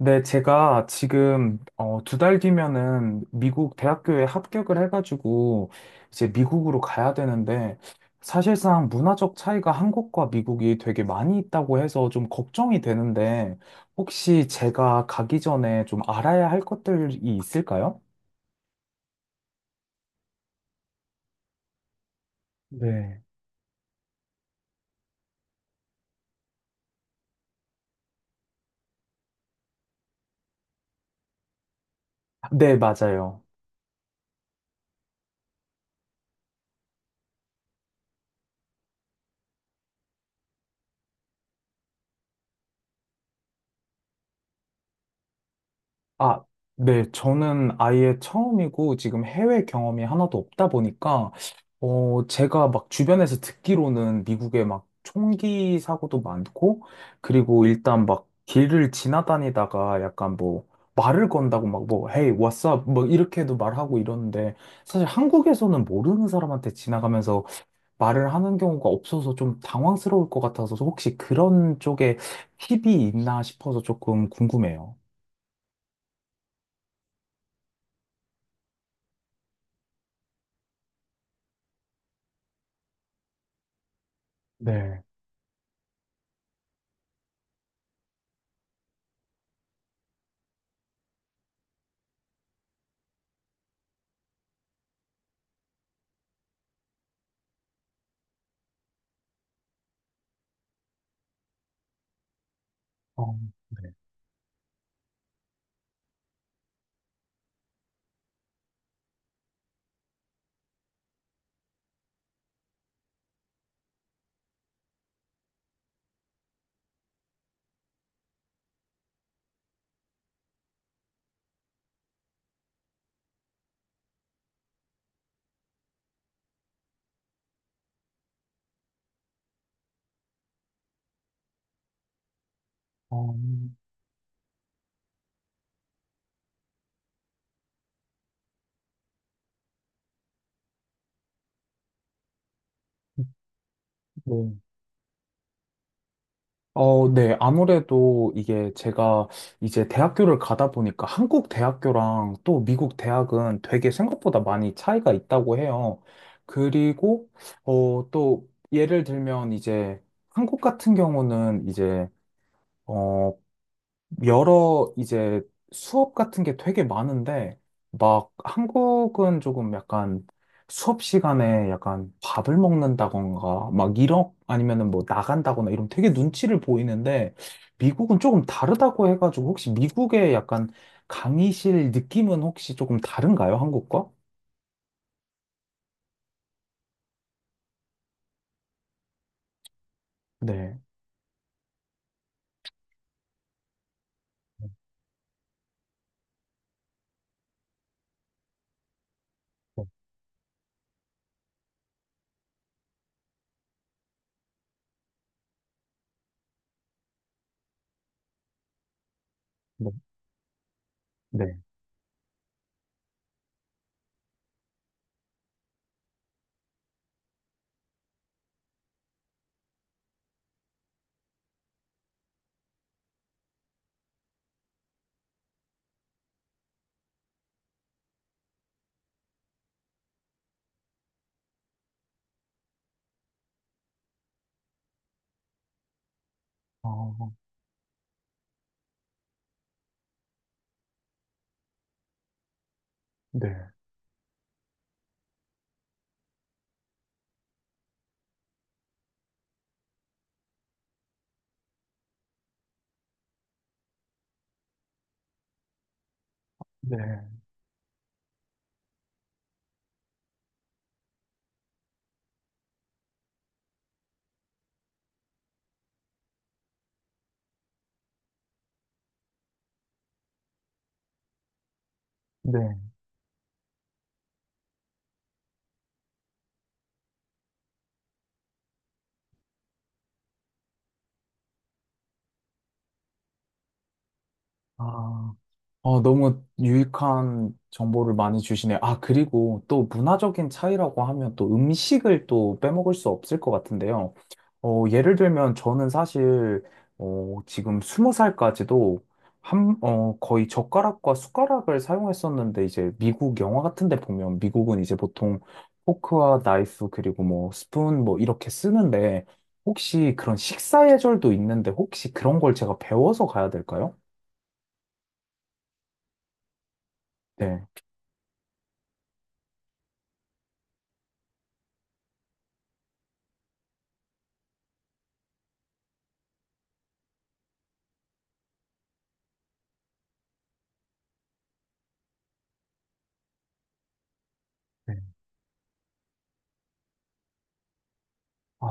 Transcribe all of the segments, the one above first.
네, 제가 지금 두 달 뒤면은 미국 대학교에 합격을 해가지고 이제 미국으로 가야 되는데 사실상 문화적 차이가 한국과 미국이 되게 많이 있다고 해서 좀 걱정이 되는데 혹시 제가 가기 전에 좀 알아야 할 것들이 있을까요? 네. 네, 맞아요. 아, 네. 저는 아예 처음이고 지금 해외 경험이 하나도 없다 보니까, 제가 막 주변에서 듣기로는 미국에 막 총기 사고도 많고, 그리고 일단 막 길을 지나다니다가 약간 뭐 말을 건다고 막 뭐, Hey, what's up? 뭐 이렇게도 말하고 이러는데, 사실 한국에서는 모르는 사람한테 지나가면서 말을 하는 경우가 없어서 좀 당황스러울 것 같아서 혹시 그런 쪽에 팁이 있나 싶어서 조금 궁금해요. 네. 어, 네. 어, 네. 어, 네. 아무래도 이게 제가 이제 대학교를 가다 보니까 한국 대학교랑 또 미국 대학은 되게 생각보다 많이 차이가 있다고 해요. 그리고, 또 예를 들면 이제 한국 같은 경우는 이제, 어, 여러 이제 수업 같은 게 되게 많은데, 막 한국은 조금 약간 수업 시간에 약간 밥을 먹는다던가, 막 이런, 아니면은 뭐 나간다거나 이런 되게 눈치를 보이는데, 미국은 조금 다르다고 해가지고, 혹시 미국의 약간 강의실 느낌은 혹시 조금 다른가요? 한국과? 네. 네. 네. 네. 아, 네. 네. 네. 아. 어, 너무 유익한 정보를 많이 주시네요. 아, 그리고 또 문화적인 차이라고 하면 또 음식을 또 빼먹을 수 없을 것 같은데요. 예를 들면 저는 사실, 지금 스무 살까지도 한, 어, 거의 젓가락과 숟가락을 사용했었는데 이제 미국 영화 같은 데 보면 미국은 이제 보통 포크와 나이프 그리고 뭐 스푼 뭐 이렇게 쓰는데 혹시 그런 식사 예절도 있는데 혹시 그런 걸 제가 배워서 가야 될까요? 네. 네. 아.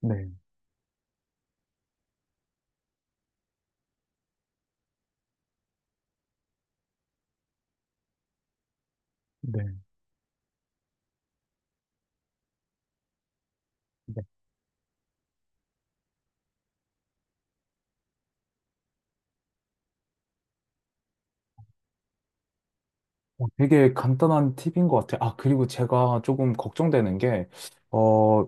네, 네, 네. 어, 되게 간단한 팁인 것 같아요. 아, 그리고 제가 조금 걱정되는 게, 어,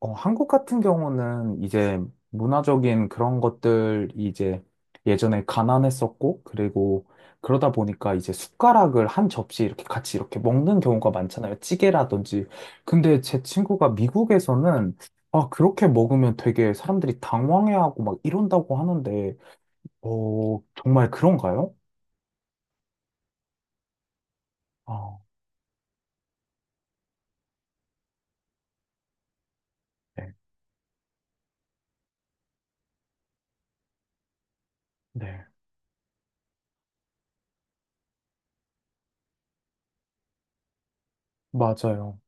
한국 같은 경우는 이제 문화적인 그런 것들이 이제 예전에 가난했었고, 그리고 그러다 보니까 이제 숟가락을 한 접시 이렇게 같이 이렇게 먹는 경우가 많잖아요. 찌개라든지. 근데 제 친구가 미국에서는 아, 그렇게 먹으면 되게 사람들이 당황해하고 막 이런다고 하는데, 어, 정말 그런가요? 아, 네, 네. 맞아요.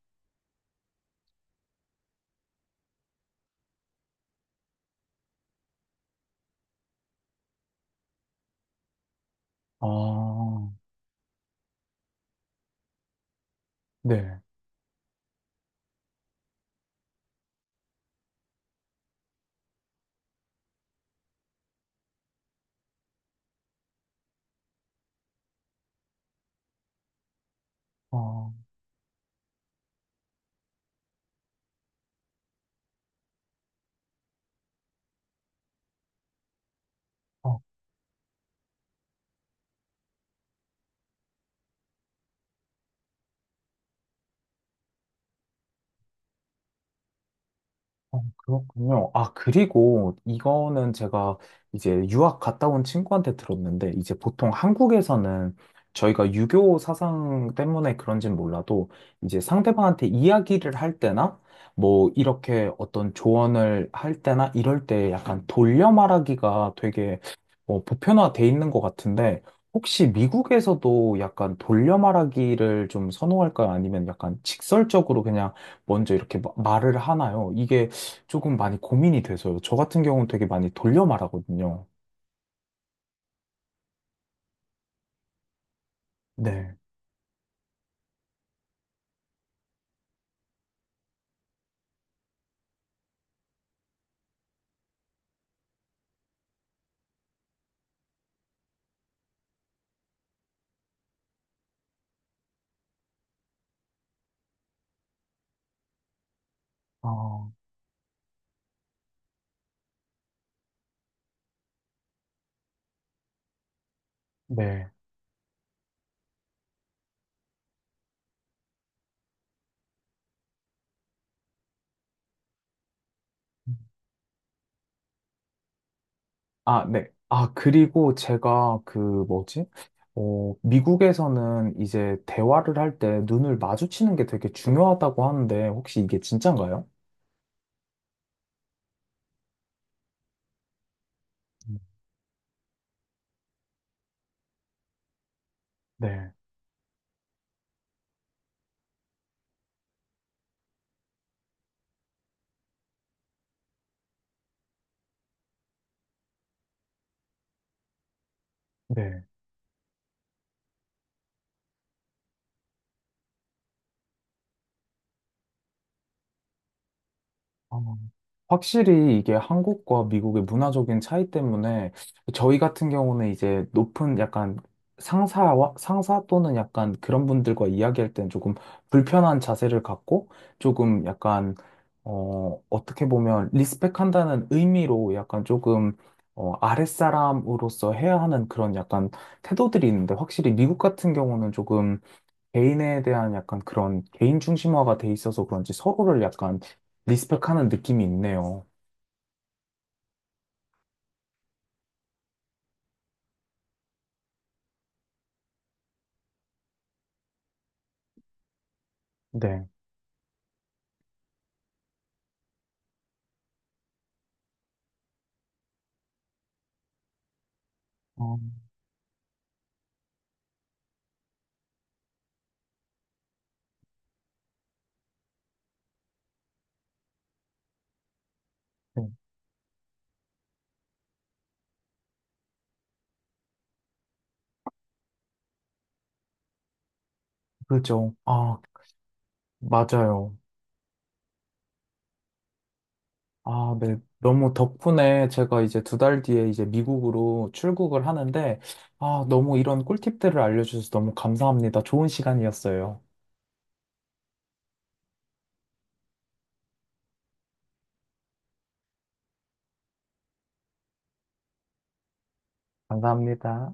아, 네. 아, 아, 어, 그렇군요. 아, 그리고 이거는 제가 이제 유학 갔다 온 친구한테 들었는데, 이제 보통 한국에서는 저희가 유교 사상 때문에 그런진 몰라도, 이제 상대방한테 이야기를 할 때나, 뭐, 이렇게 어떤 조언을 할 때나, 이럴 때 약간 돌려 말하기가 되게 보편화돼 있는 것 같은데, 혹시 미국에서도 약간 돌려 말하기를 좀 선호할까요? 아니면 약간 직설적으로 그냥 먼저 이렇게 말을 하나요? 이게 조금 많이 고민이 돼서요. 저 같은 경우는 되게 많이 돌려 말하거든요. 네. 아, 네. 아, 네. 아, 그리고 제가 그 뭐지? 어, 미국에서는 이제 대화를 할 때 눈을 마주치는 게 되게 중요하다고 하는데 혹시 이게 진짠가요? 음. 네. 네. 아, 확실히 이게 한국과 미국의 문화적인 차이 때문에 저희 같은 경우는 이제 높은 약간 상사 또는 약간 그런 분들과 이야기할 땐 조금 불편한 자세를 갖고 조금 약간 어 어떻게 보면 리스펙한다는 의미로 약간 조금 어 아랫사람으로서 해야 하는 그런 약간 태도들이 있는데 확실히 미국 같은 경우는 조금 개인에 대한 약간 그런 개인 중심화가 돼 있어서 그런지 서로를 약간 리스펙하는 느낌이 있네요. 네. 어, 네. 그죠. 아, 맞아요. 아, 네. 너무 덕분에 제가 이제 두 달 뒤에 이제 미국으로 출국을 하는데, 아, 너무 이런 꿀팁들을 알려주셔서 너무 감사합니다. 좋은 시간이었어요. 감사합니다.